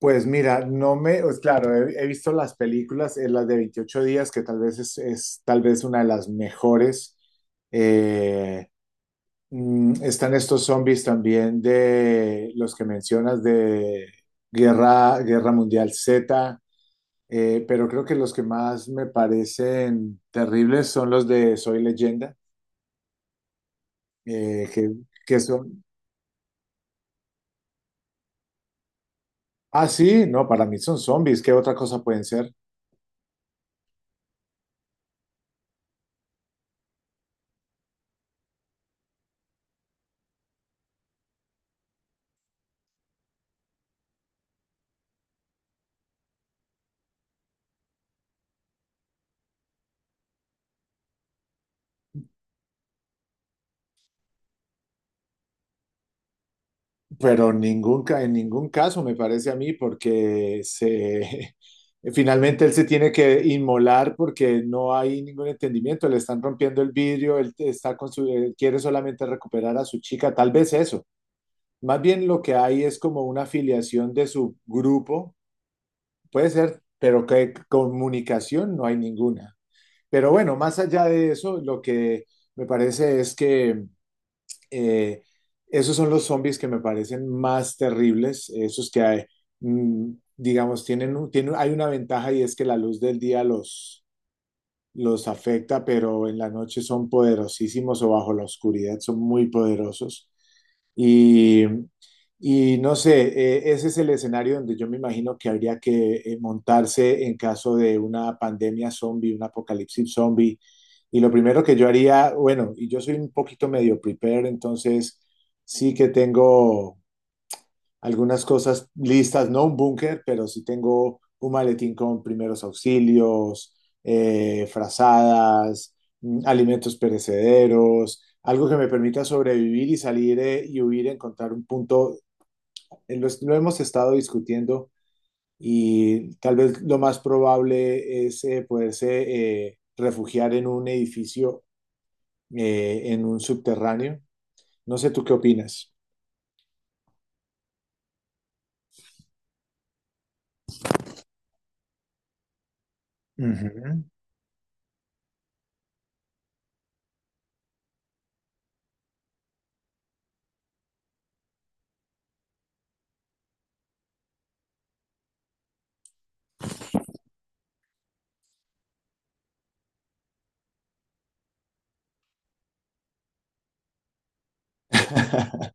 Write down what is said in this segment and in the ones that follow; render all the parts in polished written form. Pues mira, no me, pues claro, he visto las películas, las de 28 días, que tal vez es tal vez una de las mejores. Eh, están estos zombies también de los que mencionas de Guerra Mundial Z, pero creo que los que más me parecen terribles son los de Soy Leyenda. Eh, que, que son, ah, sí, no, para mí son zombies. ¿Qué otra cosa pueden ser? Pero en ningún caso me parece a mí. Finalmente él se tiene que inmolar porque no hay ningún entendimiento, le están rompiendo el vidrio, él quiere solamente recuperar a su chica, tal vez eso. Más bien lo que hay es como una afiliación de su grupo, puede ser, pero que comunicación no hay ninguna. Pero bueno, más allá de eso, lo que me parece es que eh, esos son los zombies que me parecen más terribles, esos que hay, mm, digamos, hay una ventaja y es que la luz del día los afecta, pero en la noche son poderosísimos o bajo la oscuridad son muy poderosos. Y, y no sé, ese es el escenario donde yo me imagino que habría que montarse en caso de una pandemia zombie, un apocalipsis zombie. Y lo primero que yo haría, bueno, y yo soy un poquito medio prepared, entonces sí que tengo algunas cosas listas, no un búnker, pero sí tengo un maletín con primeros auxilios, frazadas, alimentos perecederos, algo que me permita sobrevivir y salir y huir, encontrar un punto. Lo hemos estado discutiendo y tal vez lo más probable es poderse refugiar en un edificio, en un subterráneo. No sé tú qué opinas. Ujú.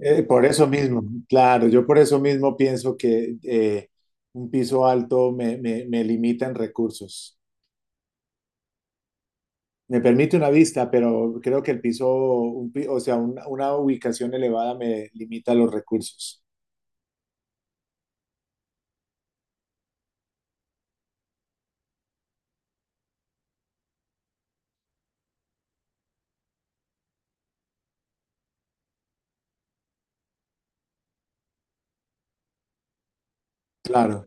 Por eso mismo, claro, yo por eso mismo pienso que un piso alto me limita en recursos. Me permite una vista, pero creo que el piso, un pi- o sea, una ubicación elevada me limita los recursos. Claro.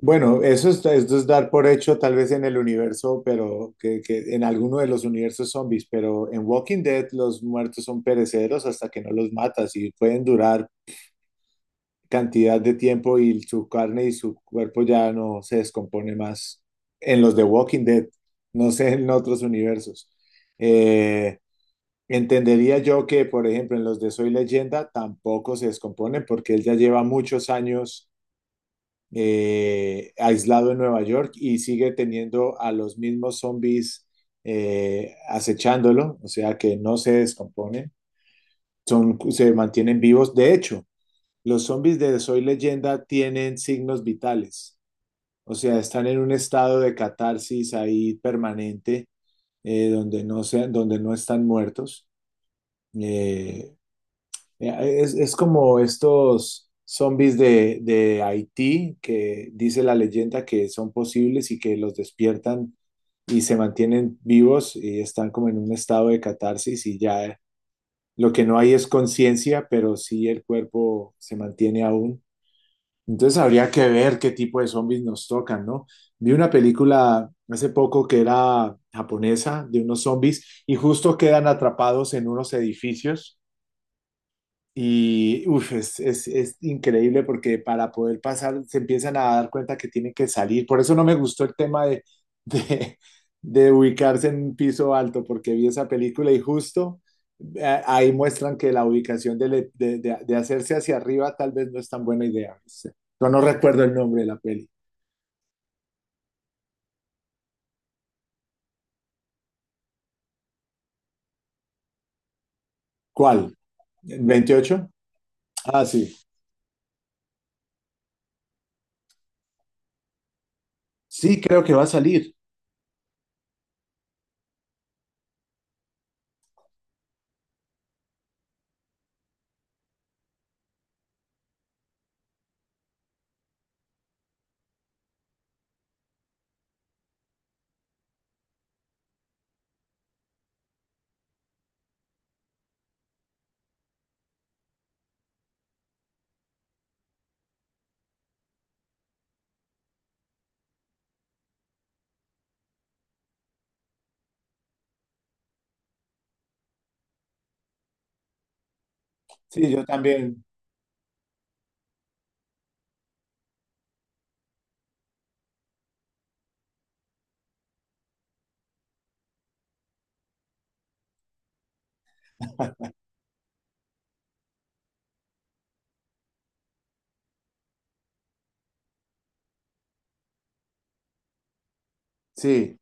Bueno, esto es dar por hecho tal vez en el universo, pero que en alguno de los universos zombies, pero en Walking Dead los muertos son perecederos hasta que no los matas y pueden durar cantidad de tiempo y su carne y su cuerpo ya no se descompone más en los de Walking Dead, no sé en otros universos. Eh, entendería yo que, por ejemplo, en los de Soy Leyenda tampoco se descomponen porque él ya lleva muchos años aislado en Nueva York y sigue teniendo a los mismos zombies acechándolo, o sea que no se descomponen, se mantienen vivos. De hecho, los zombies de Soy Leyenda tienen signos vitales, o sea, están en un estado de catarsis ahí permanente, donde no están muertos. Eh, es como estos zombies de Haití, que dice la leyenda que son posibles y que los despiertan y se mantienen vivos y están como en un estado de catarsis y ya lo que no hay es conciencia, pero sí el cuerpo se mantiene aún. Entonces habría que ver qué tipo de zombies nos tocan, ¿no? Vi una película hace poco que era japonesa de unos zombies y justo quedan atrapados en unos edificios. Y uf, es increíble porque para poder pasar se empiezan a dar cuenta que tienen que salir. Por eso no me gustó el tema de, de, de ubicarse en un piso alto, porque vi esa película y justo ahí muestran que la ubicación de, le- de hacerse hacia arriba tal vez no es tan buena idea. Yo no recuerdo el nombre de la peli. ¿Cuál? ¿28? Ah, sí. Sí, creo que va a salir. Sí, yo también. Sí.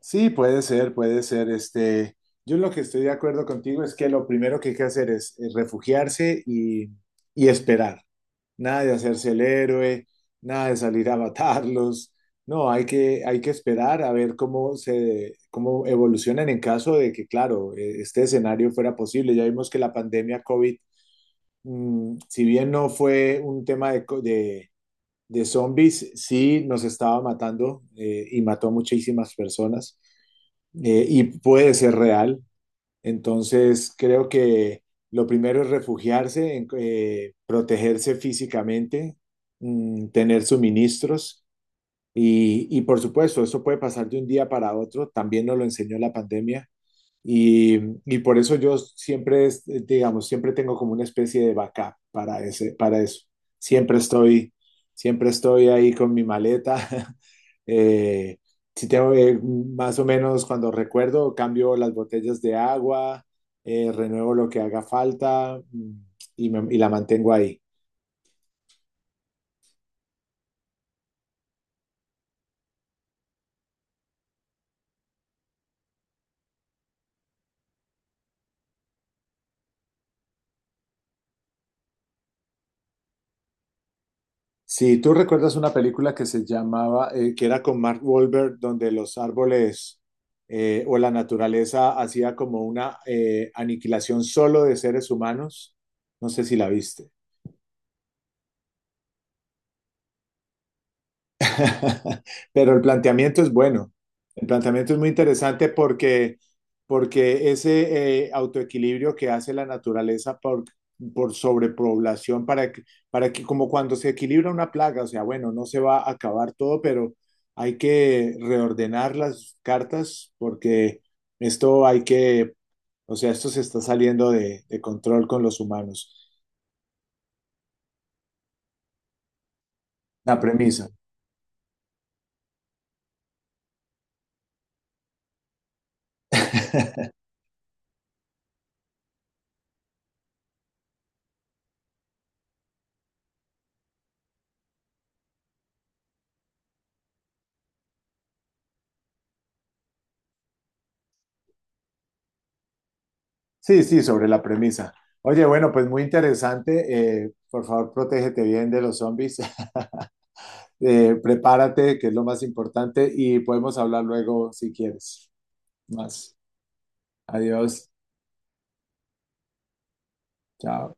Sí, puede ser, puede ser. Este, yo lo que estoy de acuerdo contigo es que lo primero que hay que hacer es refugiarse y esperar. Nada de hacerse el héroe, nada de salir a matarlos. No, hay que esperar a ver cómo evolucionan en caso de que, claro, este escenario fuera posible. Ya vimos que la pandemia COVID, si bien no fue un tema de, co- de zombies sí nos estaba matando y mató a muchísimas personas y puede ser real. Entonces creo que lo primero es refugiarse, protegerse físicamente, tener suministros y por supuesto, eso puede pasar de un día para otro. También nos lo enseñó la pandemia. Y, y por eso yo siempre, digamos, siempre tengo como una especie de backup para eso. Siempre estoy, siempre estoy ahí con mi maleta. Eh, si tengo, más o menos cuando recuerdo, cambio las botellas de agua, renuevo lo que haga falta, y la mantengo ahí. Si tú recuerdas una película que se llamaba, que era con Mark Wahlberg, donde los árboles o la naturaleza hacía como una aniquilación solo de seres humanos, no sé si la viste. Pero el planteamiento es bueno. El planteamiento es muy interesante porque ese autoequilibrio que hace la naturaleza por sobrepoblación, para que, como cuando se equilibra una plaga, o sea, bueno, no se va a acabar todo, pero hay que reordenar las cartas porque esto hay que, o sea, esto se está saliendo de control con los humanos. La premisa. Sí, sí, sobre la premisa. Oye, bueno, pues muy interesante. Por favor, protégete bien de los zombies. Prepárate, que es lo más importante, y podemos hablar luego si quieres. Más. Adiós. Chao.